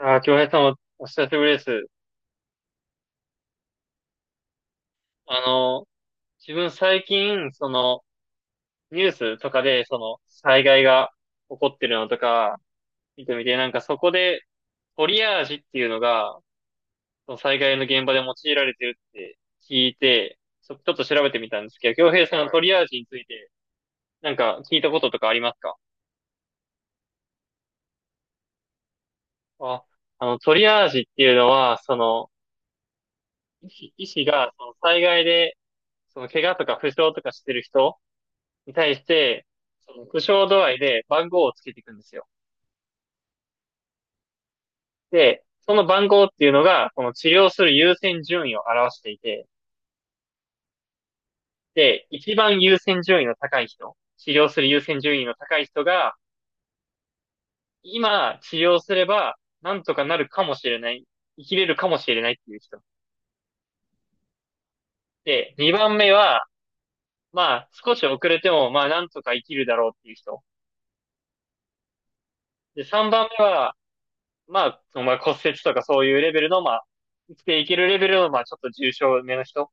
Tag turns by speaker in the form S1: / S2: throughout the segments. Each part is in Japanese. S1: ああ、京平さんお久しぶりです。あの、自分最近、ニュースとかで、災害が起こってるのとか、見てみて、なんかそこで、トリアージっていうのが、その災害の現場で用いられてるって聞いて、ちょっと調べてみたんですけど、京平さんのトリアージについて、なんか聞いたこととかありますか？あ、トリアージっていうのは、医師が、その災害で、怪我とか負傷とかしてる人に対して、その苦笑度合いで番号をつけていくんですよ。で、その番号っていうのが、この治療する優先順位を表していて、で、一番優先順位の高い人、治療する優先順位の高い人が、今治療すれば、なんとかなるかもしれない、生きれるかもしれないっていう人。で、二番目は、まあ、少し遅れても、まあ、なんとか生きるだろうっていう人。で、三番目は、まあ、そのまあ骨折とかそういうレベルの、まあ、生きていけるレベルの、まあ、ちょっと重症めの人。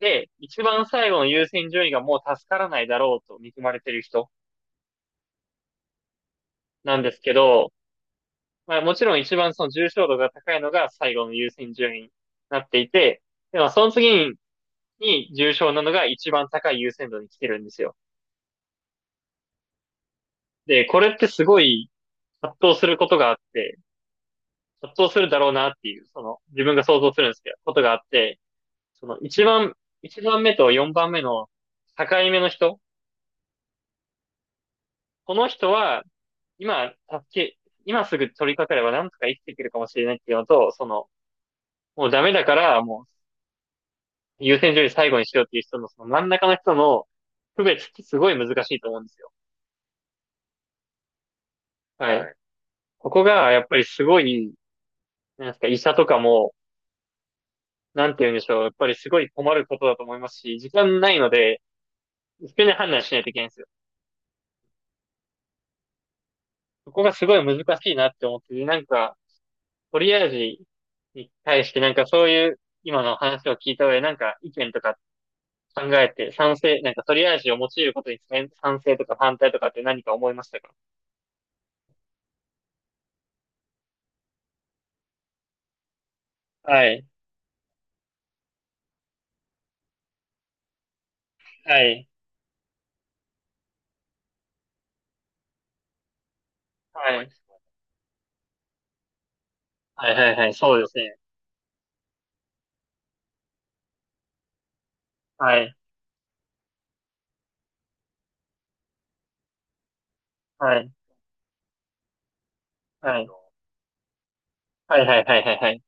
S1: で、一番最後の優先順位がもう助からないだろうと見込まれてる人なんですけど、まあもちろん一番その重症度が高いのが最後の優先順位になっていて、でもその次に重症なのが一番高い優先度に来てるんですよ。で、これってすごい葛藤することがあって、葛藤するだろうなっていう、その自分が想像するんですけど、ことがあって、その一番目と四番目の境目の人、この人は今、今すぐ取り掛かればなんとか生きていけるかもしれないっていうのと、その、もうダメだから、もう優先順位最後にしようっていう人の、その真ん中の人の区別ってすごい難しいと思うんですよ。はい。はい、ここが、やっぱりすごい、なんですか、医者とかも、なんて言うんでしょう、やっぱりすごい困ることだと思いますし、時間ないので、一遍で判断しないといけないんですよ。そこがすごい難しいなって思って、なんか、トリアージに対してなんかそういう今の話を聞いた上でなんか意見とか考えて、なんかトりアージを用いることに賛成とか反対とかって何か思いましたか？はい、はい、はい、はい、はい、はい、そうですね。はい、はい、はい、はい、はい、はい、はい、はい、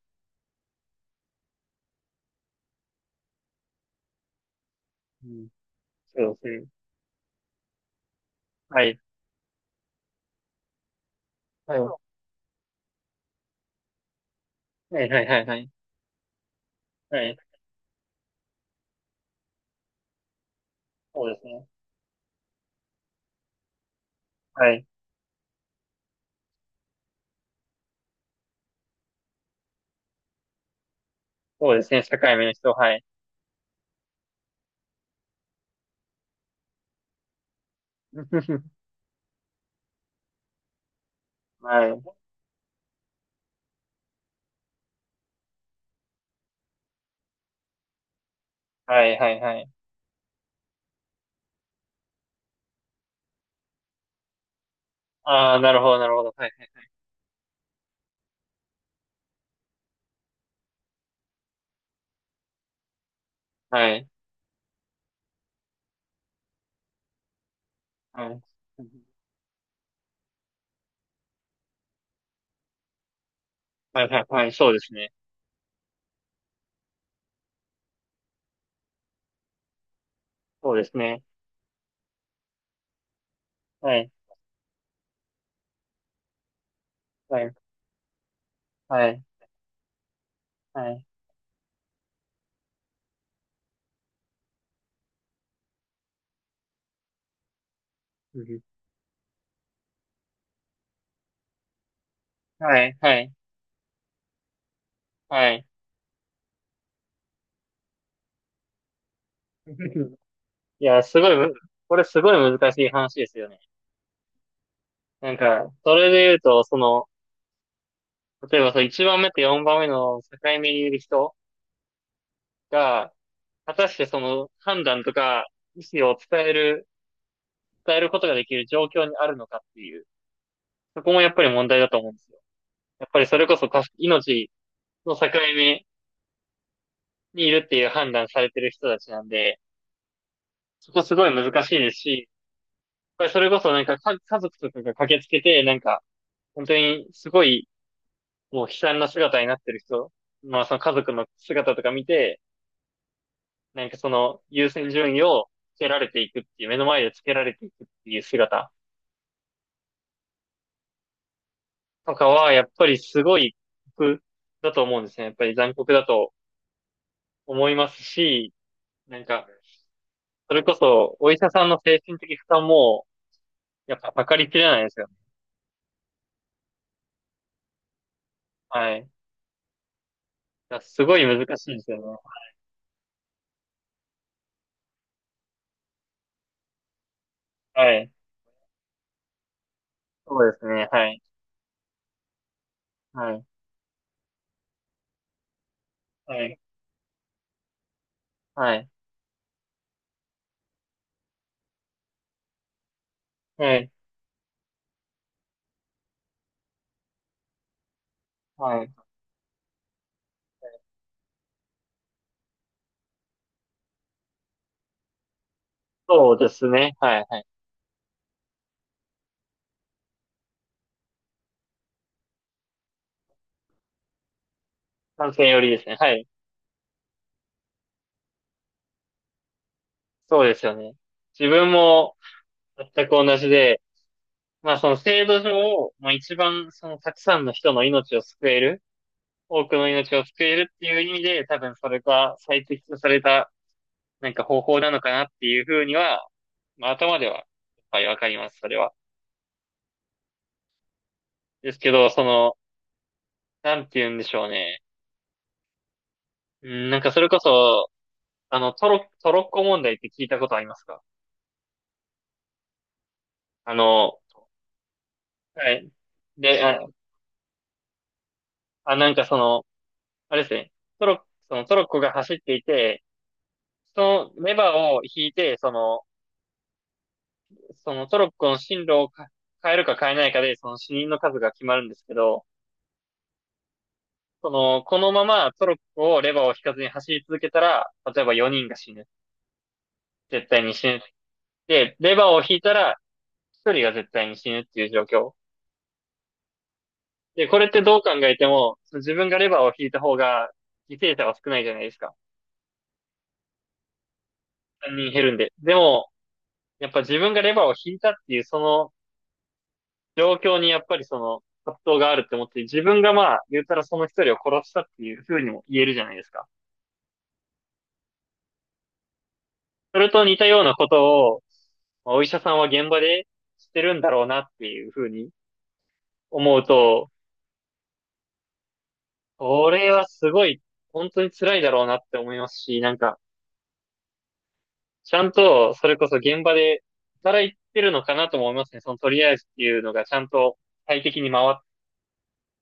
S1: うん、そうですね。はい、はい、はい、はい、はい、はい、はい、そうですね。はい、そうですね。社会面の人、はい。はい、はい、はい、はい。ああ、なるほど、なるほど。はい、はい、はい、はい、はい、はい、そうですね。そうですね。はい、はい、はい、はい、うん、はい、はい、はい。いや、すごいむ、これすごい難しい話ですよね。なんか、それで言うと、その、例えばその1番目と4番目の境目にいる人が、果たしてその判断とか意思を伝えることができる状況にあるのかっていう、そこもやっぱり問題だと思うんですよ。やっぱりそれこそ命の境目にいるっていう判断されてる人たちなんで、そこすごい難しいですし、やっぱりそれこそなんか家族とかが駆けつけて、なんか、本当にすごいもう悲惨な姿になってる人、まあその家族の姿とか見て、なんかその優先順位をつけられていくっていう、目の前でつけられていくっていう姿とかは、やっぱりすごい酷だと思うんですね。やっぱり残酷だと思いますし、なんか、それこそお医者さんの精神的負担も、やっぱ測りきれないですよね。はい。だからすごい難しいですよね。はい。そうですね。はい。はい。はい。はい。はい。はい。そうですね。はい。はい。観戦よりですね。はい。そうですよね。自分も全く同じで、まあその制度上、まあ一番そのたくさんの人の命を救える、多くの命を救えるっていう意味で、多分それが最適とされたなんか方法なのかなっていうふうには、まあ頭では、はい、わかります、それは。ですけど、その、なんて言うんでしょうね。うん、なんかそれこそ、トロッコ問題って聞いたことありますか？あの、はい。で、なんかその、あれですね。トロッコ、そのトロッコが走っていて、そのレバーを引いて、そのトロッコの進路を変えるか変えないかで、その死人の数が決まるんですけど、その、このままトロッコをレバーを引かずに走り続けたら、例えば4人が死ぬ。絶対に死ぬ。で、レバーを引いたら1人が絶対に死ぬっていう状況。で、これってどう考えても、その自分がレバーを引いた方が犠牲者は少ないじゃないですか。3人減るんで。でも、やっぱ自分がレバーを引いたっていう、その状況にやっぱりその葛藤があるって思って、自分がまあ、言ったらその一人を殺したっていう風にも言えるじゃないですか。それと似たようなことを、まあお医者さんは現場でしてるんだろうなっていう風に思うと、これはすごい、本当に辛いだろうなって思いますし、なんか、ちゃんと、それこそ現場で働いてるのかなとも思いますね。そのとりあえずっていうのがちゃんと快適に回っ、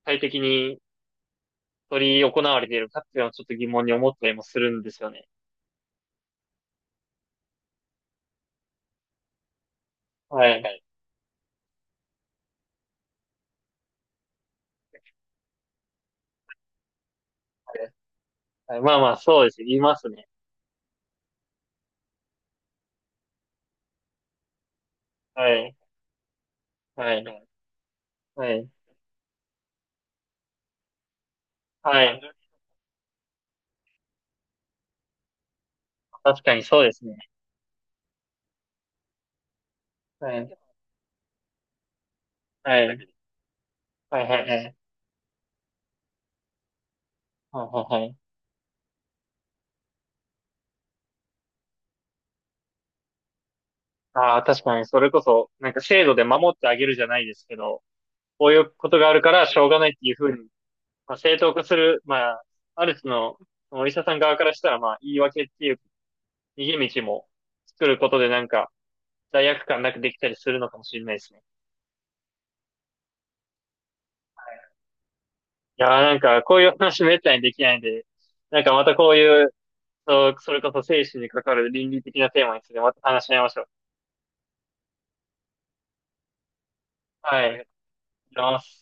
S1: 快適に取り行われているかっていうのはちょっと疑問に思ったりもするんですよね。はいはい。はいまあまあ、そうですね。言いますね。はい。はい。はい。はい。確かにそうですね。はい。はい。はいはいはい。はいはいはいはい。ああ、確かに、それこそ、なんか制度で守ってあげるじゃないですけど、こういうことがあるからしょうがないっていうふうに、まあ、正当化する、まあ、ある種そのお医者さん側からしたら、まあ、言い訳っていう逃げ道も作ることでなんか、罪悪感なくできたりするのかもしれないですね。いやーなんか、こういう話めったにできないんで、なんかまたこういうそう、それこそ生死にかかる倫理的なテーマについてまた話し合いましょう。はい。ありがとうございます。